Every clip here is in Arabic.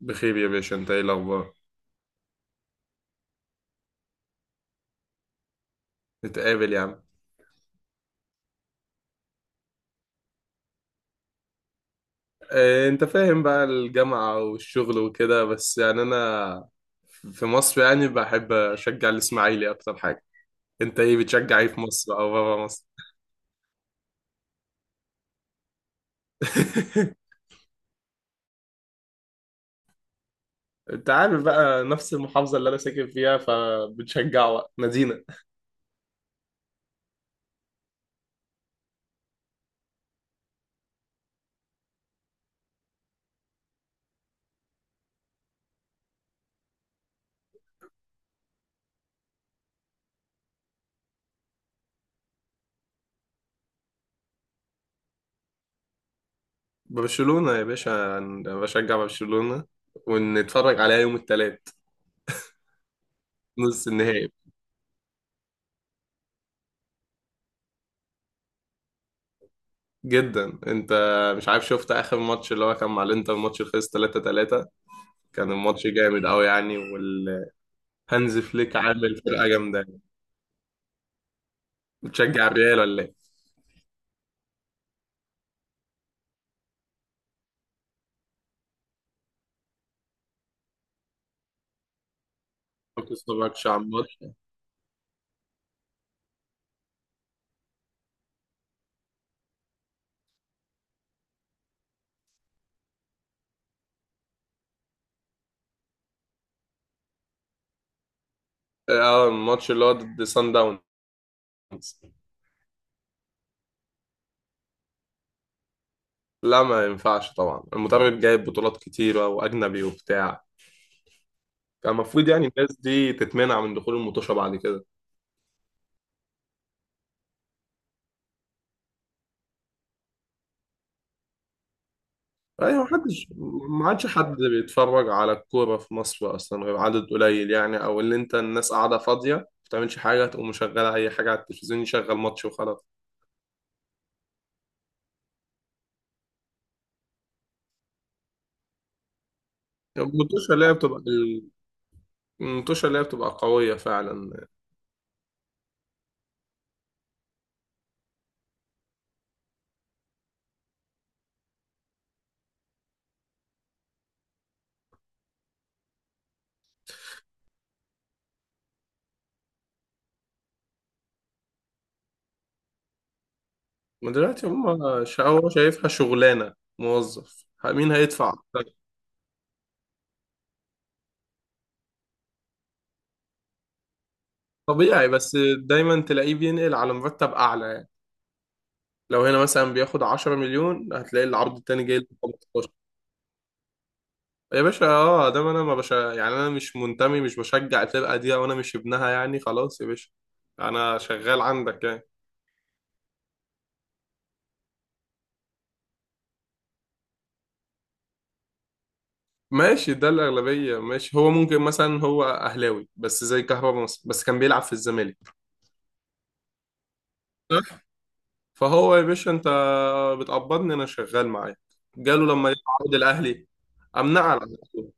بخير يا باشا، انت ايه الاخبار؟ نتقابل يا عم. اه، انت فاهم بقى، الجامعة والشغل وكده، بس يعني انا في مصر يعني بحب اشجع الاسماعيلي اكتر حاجة. انت ايه بتشجع ايه في مصر او بابا مصر؟ انت عارف بقى، نفس المحافظة اللي انا ساكن فيها فبتشجع بقى مدينة. برشلونة يا باشا، انا بشجع برشلونة ونتفرج عليها يوم الثلاث، نص النهائي. جدا. انت مش عارف شفت اخر ماتش اللي هو كان مع الانتر، ماتش اللي خلص 3-3؟ كان الماتش جامد قوي يعني، والهانز فليك عامل فرقه جامده يعني. بتشجع الريال ولا ايه؟ ما بتتفرجش على الماتش. اه، الماتش اللي هو ضد سان داونز. لا، ما ينفعش طبعا، المدرب جايب بطولات كتيره واجنبي وبتاع. كان المفروض يعني الناس دي تتمنع من دخول المطوشه بعد كده. ايوه، محدش ما عادش حد بيتفرج على الكوره في مصر اصلا غير عدد قليل يعني، او اللي انت الناس قاعده فاضيه ما بتعملش حاجه تقوم مشغله اي حاجه على التلفزيون، يشغل ماتش وخلاص. المطوشه اللي هي بتبقى، المنتوشة اللي هي بتبقى قوية فعلا. ما دلوقتي هم، هو شايفها شغلانة، موظف مين هيدفع أكتر؟ طبيعي، بس دايما تلاقيه بينقل على مرتب أعلى يعني. لو هنا مثلا بياخد 10 مليون هتلاقي العرض التاني جاي له 15. يا باشا اه، ده ما انا ما بشا يعني، انا مش منتمي، مش بشجع الفرقة دي وانا مش ابنها يعني، خلاص يا باشا. انا شغال عندك يعني. ماشي، ده الأغلبية ماشي. هو ممكن مثلا هو أهلاوي بس، زي كهربا مصر بس كان بيلعب في الزمالك. فهو يا باشا، انت بتقبضني، انا شغال معاك، جاله لما يقعد الاهلي امنعه على طول.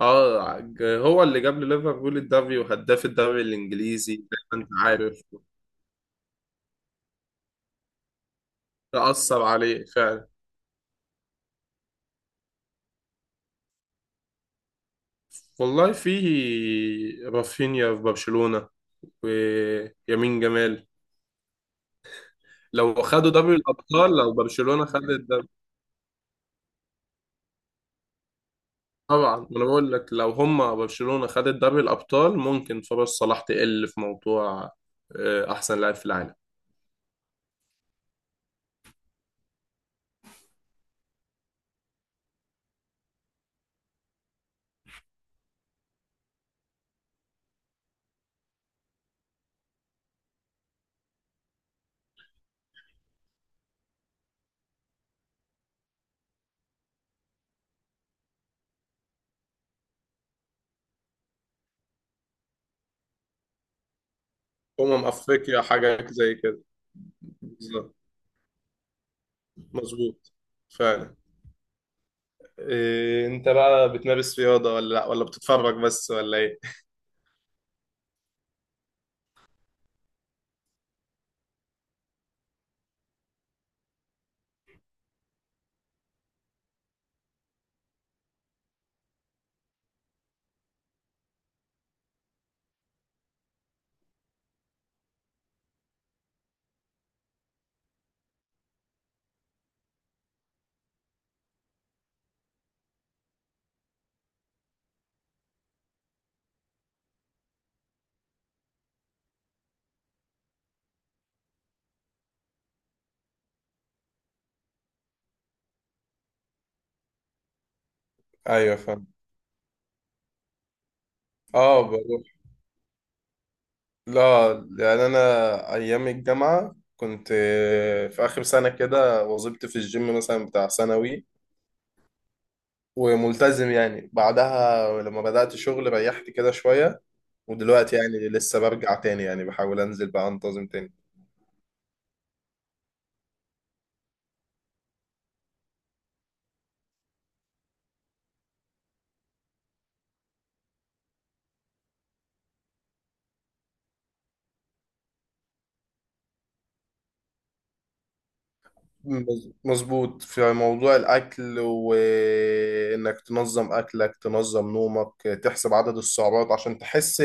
اه، هو اللي جاب ليفربول الدوري، وهداف الدوري الانجليزي زي ما انت عارف. تأثر عليه فعلا. والله، في رافينيا في برشلونة ويمين جمال، لو خدوا دوري الابطال، لو برشلونة خدت الدوري. طبعا، انا بقول لك لو هم برشلونة خدت دوري الابطال ممكن فرص صلاح تقل في موضوع احسن لاعب في العالم. أمم أفريقيا حاجة زي كده. بالظبط. مظبوط. فعلا. إيه، أنت بقى بتمارس رياضة ولا لأ، ولا بتتفرج بس ولا إيه؟ أيوه فاهم. أه بروح. لا، يعني أنا أيام الجامعة كنت في آخر سنة كده وظبت في الجيم مثلا، بتاع ثانوي. وملتزم يعني. بعدها لما بدأت شغل ريحت كده شوية، ودلوقتي يعني لسه برجع تاني يعني، بحاول أنزل بقى أنتظم تاني. مظبوط في موضوع الأكل، وإنك تنظم أكلك، تنظم نومك، تحسب عدد السعرات عشان تحس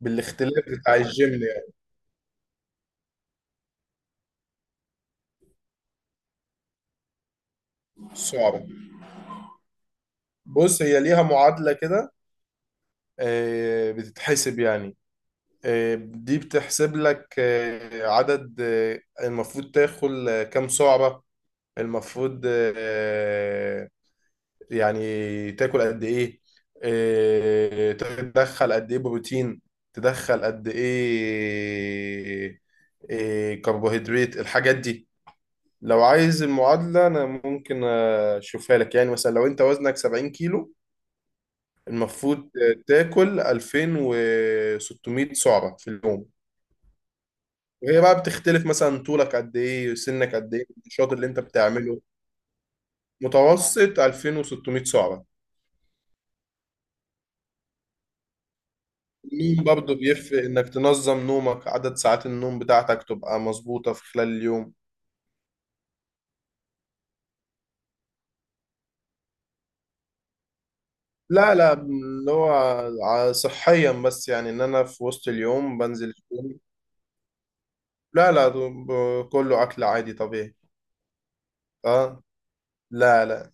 بالاختلاف بتاع الجيم يعني. السعرات، بص هي ليها معادلة كده، بتتحسب يعني. دي بتحسب لك عدد، المفروض تاكل كام سعرة المفروض، يعني تاكل قد ايه، تدخل قد ايه بروتين، تدخل قد ايه كربوهيدرات، الحاجات دي. لو عايز المعادلة انا ممكن اشوفها لك يعني. مثلا لو انت وزنك 70 كيلو المفروض تاكل 2600 سعرة في اليوم. وهي بقى بتختلف مثلا، طولك قد ايه، سنك قد ايه، النشاط اللي انت بتعمله. متوسط 2600 سعرة. النوم برضه بيفرق، انك تنظم نومك، عدد ساعات النوم بتاعتك تبقى مظبوطة في خلال اليوم. لا لا، اللي هو صحيا بس، يعني ان انا في وسط اليوم بنزل الجيم. لا لا، كله اكل عادي طبيعي. اه. لا لا.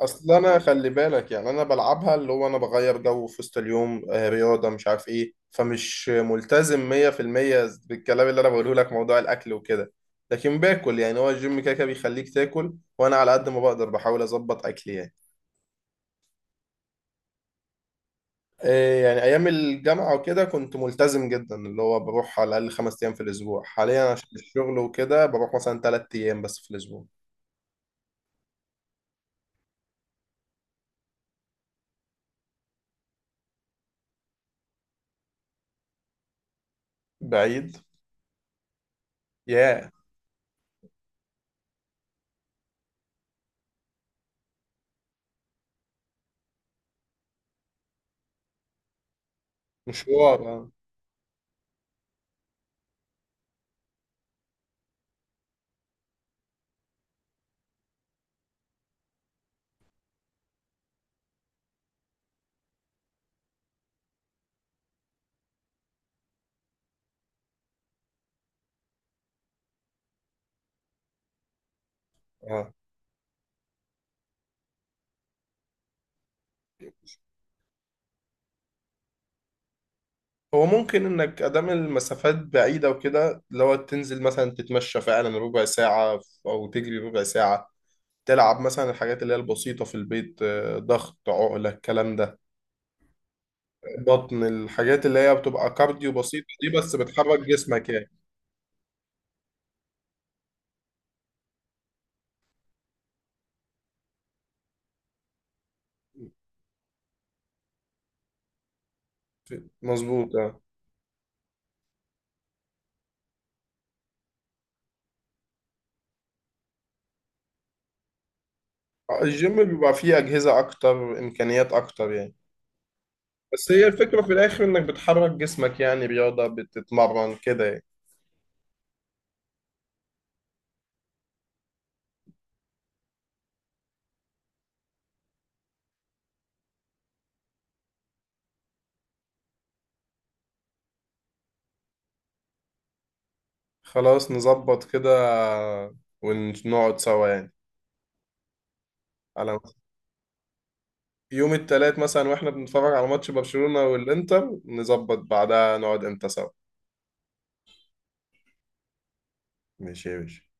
اصل انا خلي بالك يعني، انا بلعبها اللي هو انا بغير جو في وسط اليوم، رياضه مش عارف ايه، فمش ملتزم 100% بالكلام اللي انا بقوله لك، موضوع الاكل وكده. لكن باكل يعني، هو الجيم كده كده بيخليك تاكل، وانا على قد ما بقدر بحاول اظبط اكلي يعني. يعني ايام الجامعه وكده كنت ملتزم جدا، اللي هو بروح على الاقل خمس ايام في الاسبوع. حاليا عشان الشغل وكده بروح مثلا ثلاث ايام بس في الاسبوع. بعيد. ياه. مشوار، اه. آه. هو ممكن انك ادام المسافات بعيده وكده لو تنزل مثلا تتمشى فعلا ربع ساعه، او تجري ربع ساعه، تلعب مثلا الحاجات اللي هي البسيطه في البيت، ضغط، عقله، الكلام ده، بطن، الحاجات اللي هي بتبقى كارديو بسيطه دي، بس بتحرك جسمك يعني. مظبوط. آه. الجيم بيبقى فيه اجهزه اكتر، امكانيات اكتر يعني. بس هي الفكره في الاخر انك بتحرك جسمك يعني، رياضه، بتتمرن كده يعني. خلاص نظبط كده ونقعد سوا يعني. على يوم التلات مثلا واحنا بنتفرج على ماتش برشلونة والإنتر نظبط، بعدها نقعد امتى سوا. ماشي يا باشا.